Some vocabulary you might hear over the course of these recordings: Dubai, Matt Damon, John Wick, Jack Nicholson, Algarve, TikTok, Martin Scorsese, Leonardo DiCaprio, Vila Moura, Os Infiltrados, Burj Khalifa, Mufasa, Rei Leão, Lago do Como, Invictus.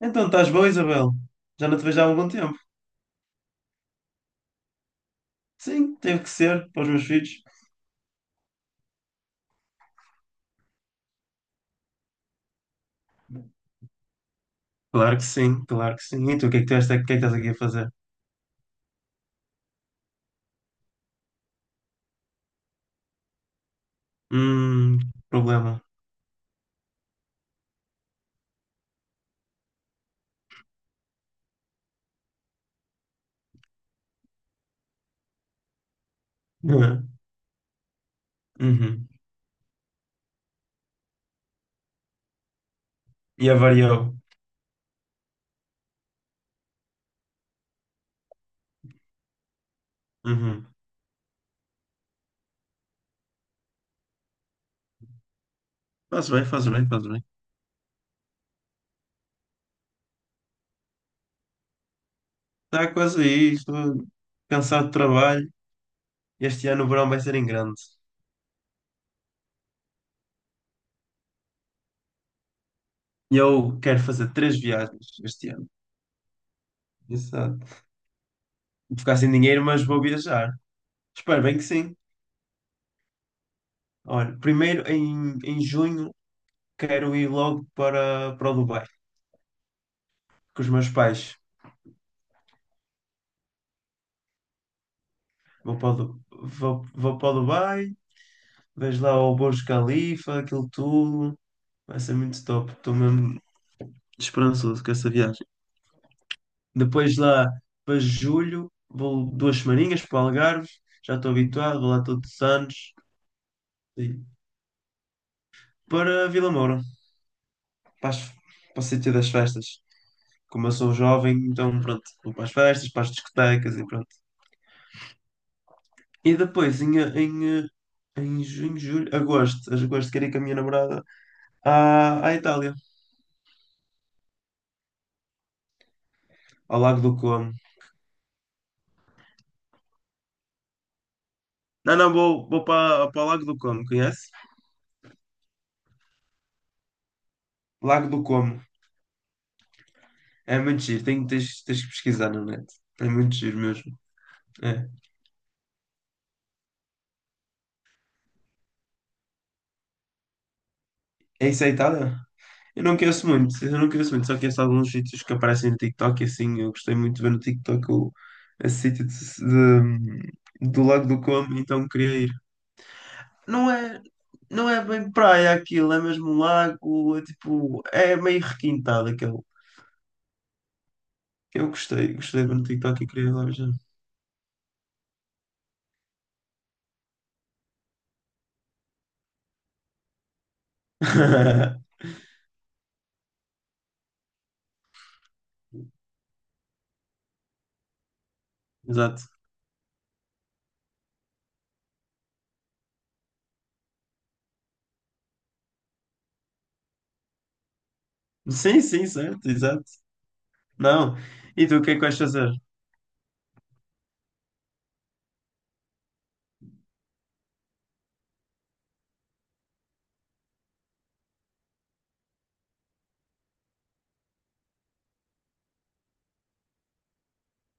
Então, estás boa, Isabel? Já não te vejo há algum tempo. Sim, teve que ser para os meus filhos. Claro que sim, claro que sim. E tu, o que é que o que é que estás aqui a fazer? Hum, problema. Uhum. Uhum. E avariou. Uhum. Faz bem, faz bem, faz bem. Está quase aí, estou cansado de trabalho. Este ano o verão vai ser em grande. Eu quero fazer três viagens este ano. Exato. Vou ficar sem dinheiro, mas vou viajar. Espero bem que sim. Olha, primeiro em junho quero ir logo para o Dubai, com os meus pais. Vou para o, Du- vou, vou para o Dubai, vejo lá o Burj Khalifa, aquilo tudo. Vai ser muito top. Estou mesmo esperançoso com essa viagem. Depois lá para julho, vou duas semaninhas para o Algarve. Já estou habituado, vou lá todos os anos. E para Vila Moura, para, as- para o sítio das festas. Como eu sou jovem, então pronto, vou para as festas, para as discotecas e pronto. E depois, em junho, julho, agosto, queria ir com a minha namorada à Itália, ao Lago do Como. Não, não, vou para o Lago do Como, conhece? Lago do Como. É muito giro, tens que pesquisar na net. É muito giro mesmo. É, é isso é a Itália? Eu não conheço muito, eu não conheço muito, só conheço alguns sítios que aparecem no TikTok e assim, eu gostei muito de ver no TikTok o, esse sítio do Lago do Como, então queria ir. Não é, não é bem praia aquilo, é mesmo um lago, é tipo, é meio requintado aquele. Eu gostei, gostei de ver no TikTok e queria ir lá ver. Exato. Sim, sim, certo, exato. Não. E tu, o que é que vais fazer?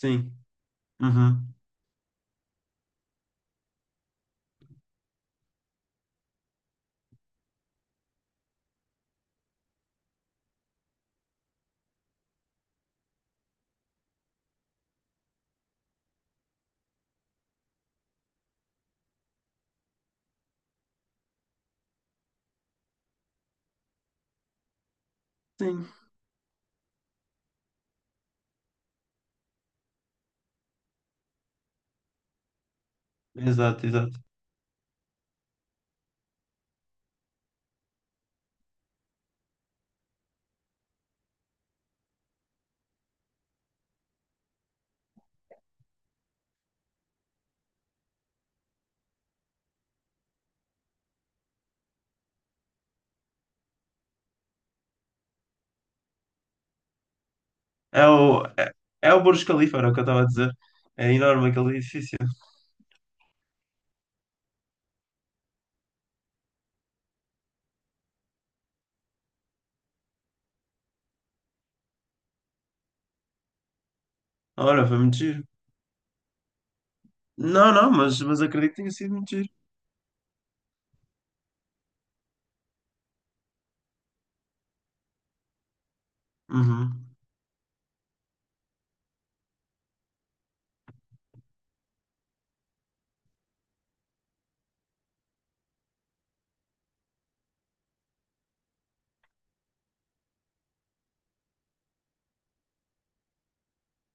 Sim. Uhum. Sim. Exato, exato. É o, é, é o Burj Khalifa, era o que eu estava a dizer. É enorme aquele edifício. Ora, foi muito giro. Não, não, mas acredito que tenha sido muito giro. Uhum.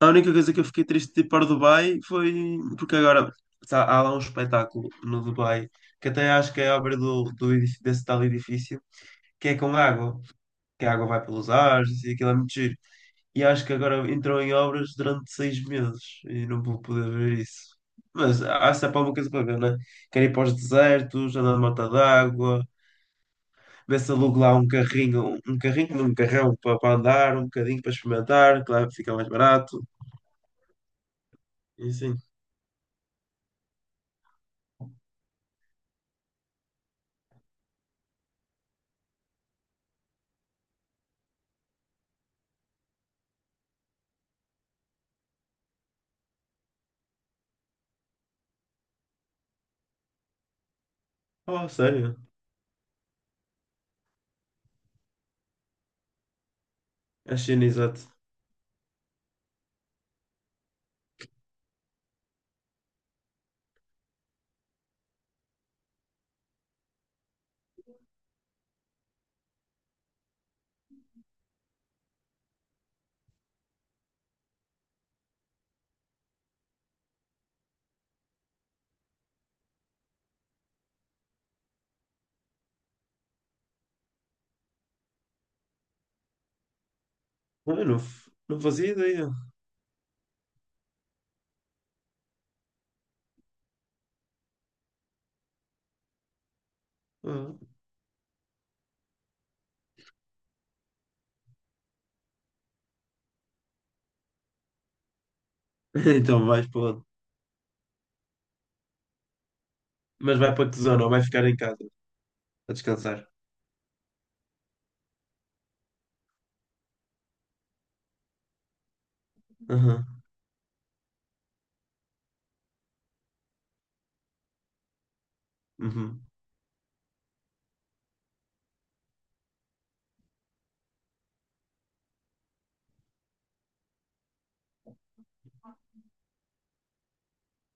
A única coisa que eu fiquei triste de ir para o Dubai foi porque agora há lá um espetáculo no Dubai que até acho que é obra do desse tal edifício que é com água, que a água vai pelos ares e aquilo é muito giro. E acho que agora entrou em obras durante 6 meses e não vou poder ver isso. Mas há sempre alguma coisa para ver, né? Quero ir para os desertos, andar na mata d'água, ver se alugo lá um carrinho, não, um carrão para andar, um bocadinho para experimentar, claro que fica mais barato. E sim. Oh, sério? A China, exato. Ah, Eu não, não fazia ideia. Ah. Então vais para onde? Mas vai para que zona? Ou vai ficar em casa a descansar? Aham. Uhum.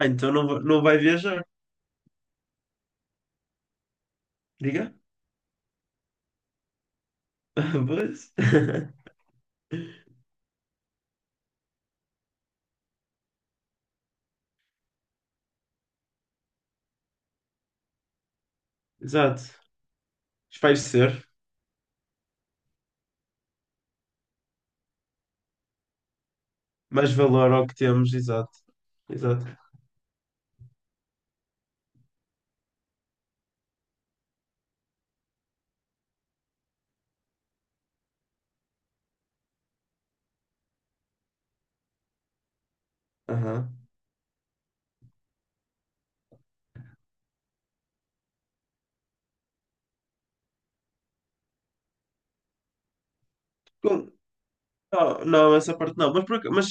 Ah, então não, não vai viajar? Diga? Pois. Exato. Espairecer, mais valor ao que temos, exato. Exato. Aham. Com- Não, não, essa parte não, mas, mas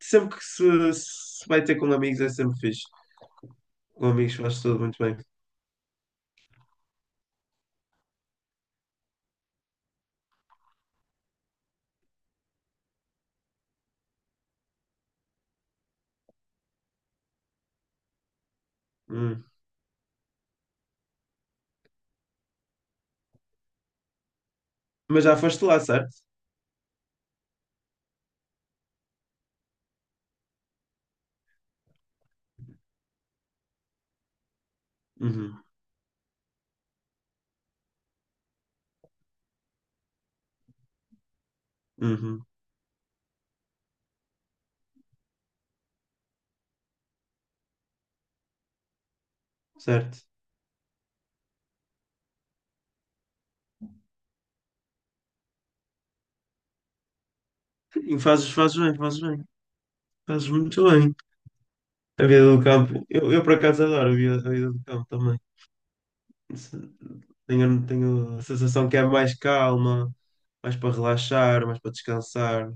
sempre que se vai ter com amigos é sempre fixe. Com amigos faz tudo muito bem. Hum. Mas já foste lá, certo? Uhum, uhum, certo. E fazes, fazes bem, fazes bem. Fazes muito bem. A vida do campo. Eu por acaso adoro a vida do campo também. Se- tenho, tenho a sensação que é mais calma, mais para relaxar, mais para descansar.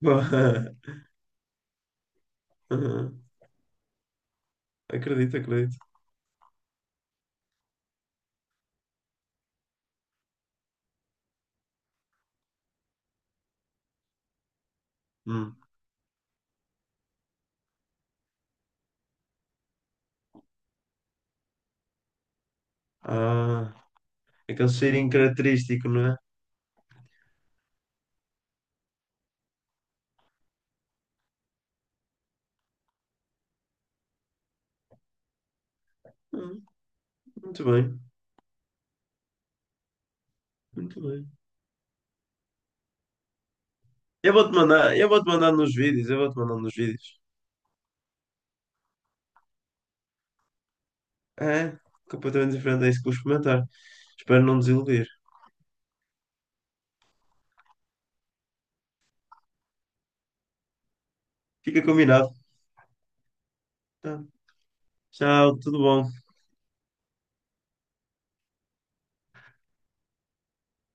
Acredito, acredito. Hum. Ah, aquele cheirinho característico, não é? Hum, muito bem, muito bem. Eu vou-te mandar nos vídeos, eu vou-te mandar nos vídeos. É, completamente diferente é isso que vou experimentar. Espero não desiludir. Fica combinado. Tá. Tchau, tudo bom?